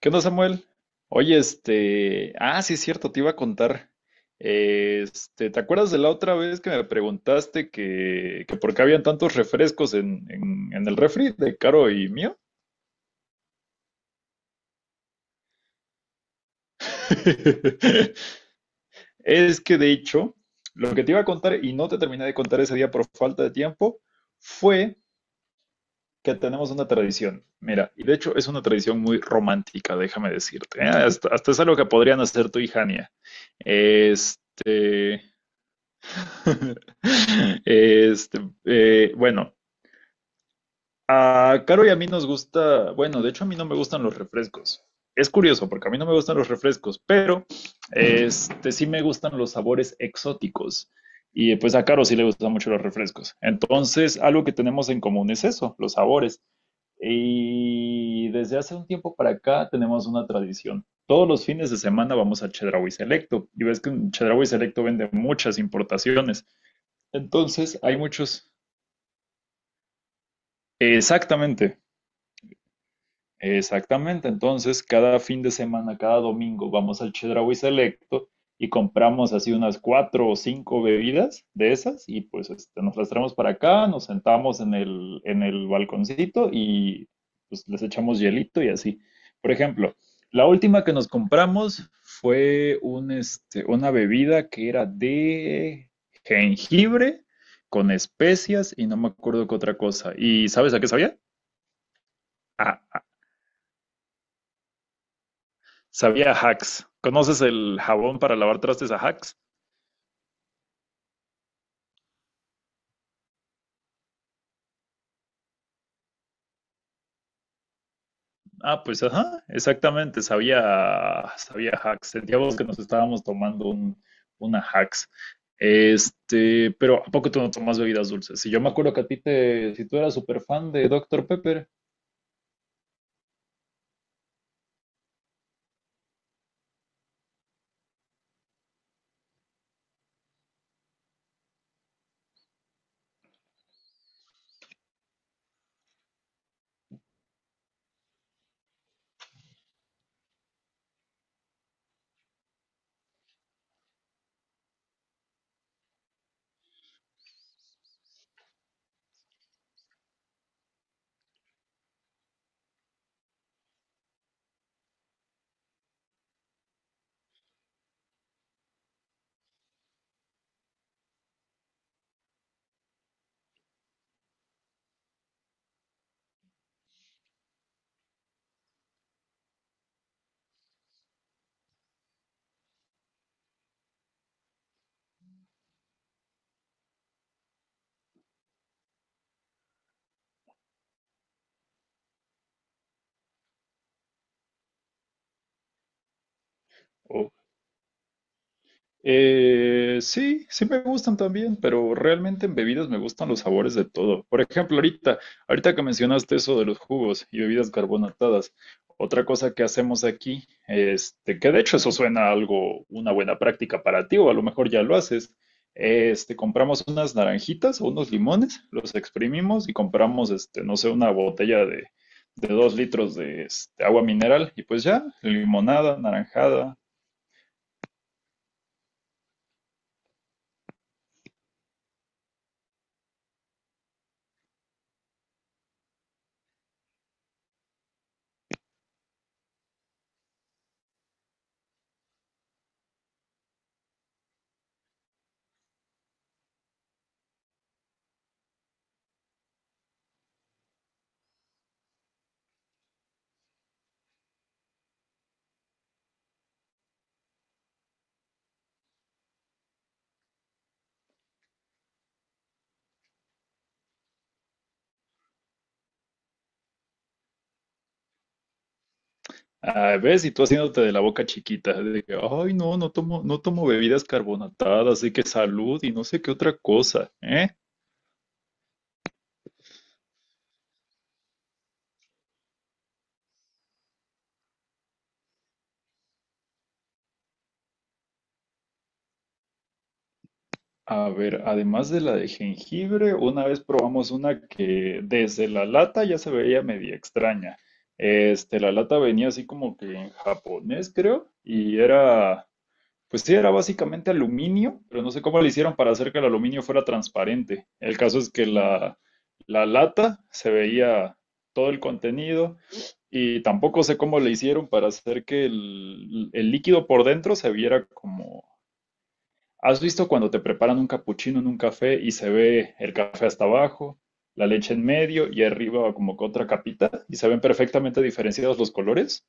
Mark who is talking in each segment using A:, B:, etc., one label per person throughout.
A: ¿Qué onda, Samuel? Oye, sí es cierto, te iba a contar. ¿Te acuerdas de la otra vez que me preguntaste que por qué habían tantos refrescos en el refri de Caro y mío? Es que de hecho, lo que te iba a contar y no te terminé de contar ese día por falta de tiempo fue que tenemos una tradición. Mira, y de hecho es una tradición muy romántica, déjame decirte. ¿Eh? Hasta es algo que podrían hacer tú y Jania. Este. Este, bueno, a Caro y a mí nos gusta, bueno, de hecho a mí no me gustan los refrescos. Es curioso porque a mí no me gustan los refrescos, pero sí me gustan los sabores exóticos. Y pues a Caro sí le gustan mucho los refrescos. Entonces, algo que tenemos en común es eso, los sabores. Y desde hace un tiempo para acá tenemos una tradición. Todos los fines de semana vamos a Chedraui Selecto. Y ves que en Chedraui Selecto vende muchas importaciones. Entonces hay muchos... Exactamente. Exactamente, entonces cada fin de semana, cada domingo, vamos al Chedraui Selecto y compramos así unas cuatro o cinco bebidas de esas y pues nos las traemos para acá, nos sentamos en el balconcito y pues les echamos hielito y así. Por ejemplo, la última que nos compramos fue una bebida que era de jengibre con especias y no me acuerdo qué otra cosa. ¿Y sabes a qué sabía? Sabía a Hacks. ¿Conoces el jabón para lavar trastes a Hacks? Ah, pues ajá, exactamente, sabía, sabía Hacks. Sentíamos que nos estábamos tomando una Hacks. Pero ¿a poco tú no tomas bebidas dulces? Si yo me acuerdo que a ti te, si tú eras súper fan de Doctor Pepper, o sí, sí me gustan también, pero realmente en bebidas me gustan los sabores de todo. Por ejemplo, ahorita que mencionaste eso de los jugos y bebidas carbonatadas, otra cosa que hacemos aquí, que de hecho eso suena a algo, una buena práctica para ti, o a lo mejor ya lo haces, compramos unas naranjitas o unos limones, los exprimimos y compramos, no sé, una botella de dos litros de agua mineral y pues ya, limonada, naranjada, ah, ves, y tú haciéndote de la boca chiquita, de que, ay, no, no tomo, no tomo bebidas carbonatadas, así que salud y no sé qué otra cosa, ¿eh? A ver, además de la de jengibre, una vez probamos una que desde la lata ya se veía media extraña. La lata venía así como que en japonés, creo, y era, pues sí, era básicamente aluminio, pero no sé cómo le hicieron para hacer que el aluminio fuera transparente. El caso es que la lata se veía todo el contenido. Y tampoco sé cómo le hicieron para hacer que el líquido por dentro se viera como... ¿Has visto cuando te preparan un capuchino en un café y se ve el café hasta abajo, la leche en medio y arriba como que otra capita y se ven perfectamente diferenciados los colores?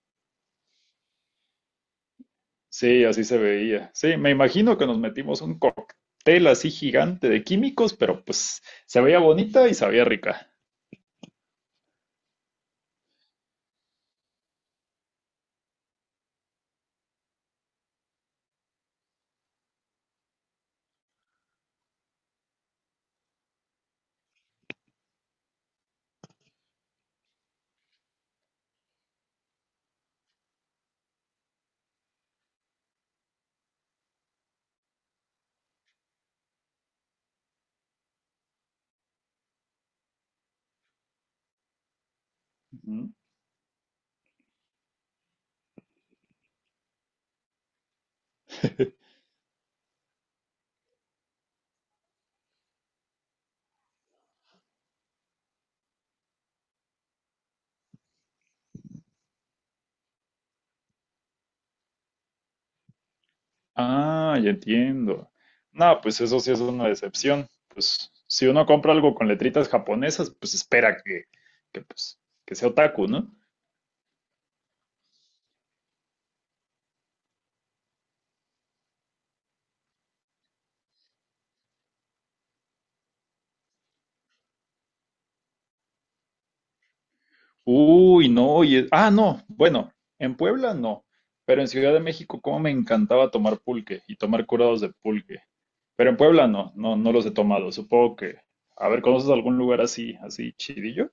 A: Sí, así se veía. Sí, me imagino que nos metimos un cóctel así gigante de químicos, pero pues se veía bonita y sabía rica. Ah, ya entiendo. No, pues eso sí es una decepción. Pues si uno compra algo con letritas japonesas, pues espera que, pues, que sea otaku, ¿no? Uy, no, no, bueno, en Puebla no, pero en Ciudad de México, cómo me encantaba tomar pulque y tomar curados de pulque. Pero en Puebla no, no, no los he tomado. Supongo que, a ver, ¿conoces algún lugar así, así chidillo?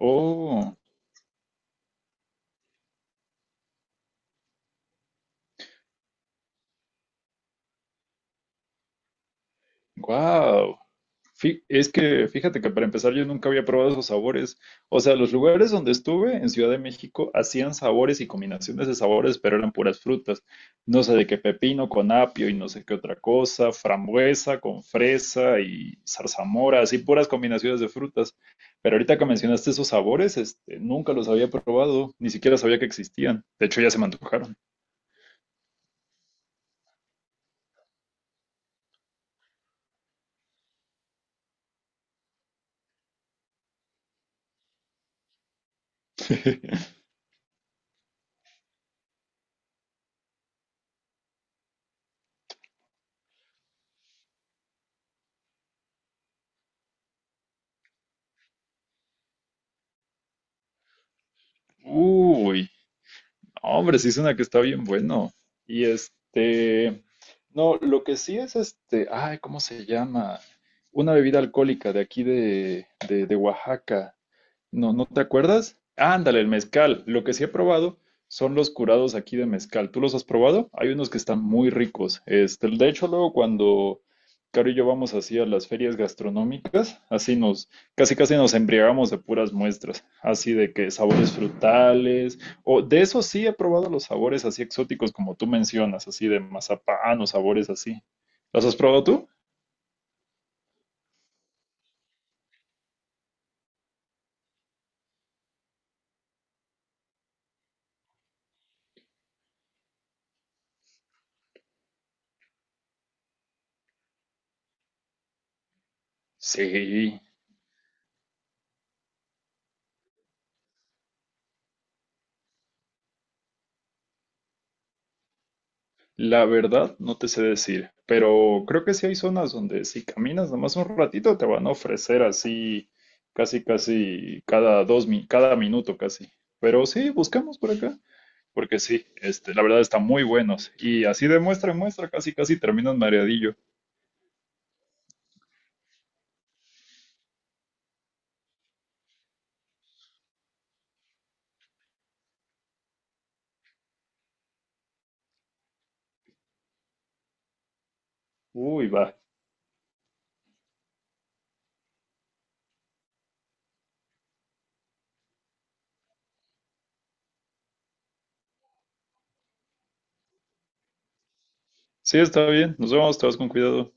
A: Oh, wow. Es que fíjate que para empezar yo nunca había probado esos sabores. O sea, los lugares donde estuve en Ciudad de México hacían sabores y combinaciones de sabores, pero eran puras frutas. No sé de qué pepino con apio y no sé qué otra cosa, frambuesa con fresa y zarzamora, así puras combinaciones de frutas. Pero ahorita que mencionaste esos sabores, nunca los había probado, ni siquiera sabía que existían. De hecho, ya se me antojaron. Uy, no, hombre, sí es una que está bien bueno. Y este, no, lo que sí es ay, ¿cómo se llama? Una bebida alcohólica de aquí de Oaxaca. No, ¿no te acuerdas? Ándale, el mezcal. Lo que sí he probado son los curados aquí de mezcal. ¿Tú los has probado? Hay unos que están muy ricos. De hecho, luego cuando Caro y yo vamos así a las ferias gastronómicas, así nos, casi casi nos embriagamos de puras muestras, así de que sabores frutales, o de eso sí he probado los sabores así exóticos como tú mencionas, así de mazapán o sabores así. ¿Los has probado tú? Sí. La verdad, no te sé decir, pero creo que sí hay zonas donde si caminas nomás un ratito te van a ofrecer así casi casi cada cada minuto casi. Pero sí, buscamos por acá, porque sí, la verdad están muy buenos y así de muestra en muestra casi casi terminas mareadillo. Uy, va. Sí, está bien. Nos vemos, te vas con cuidado.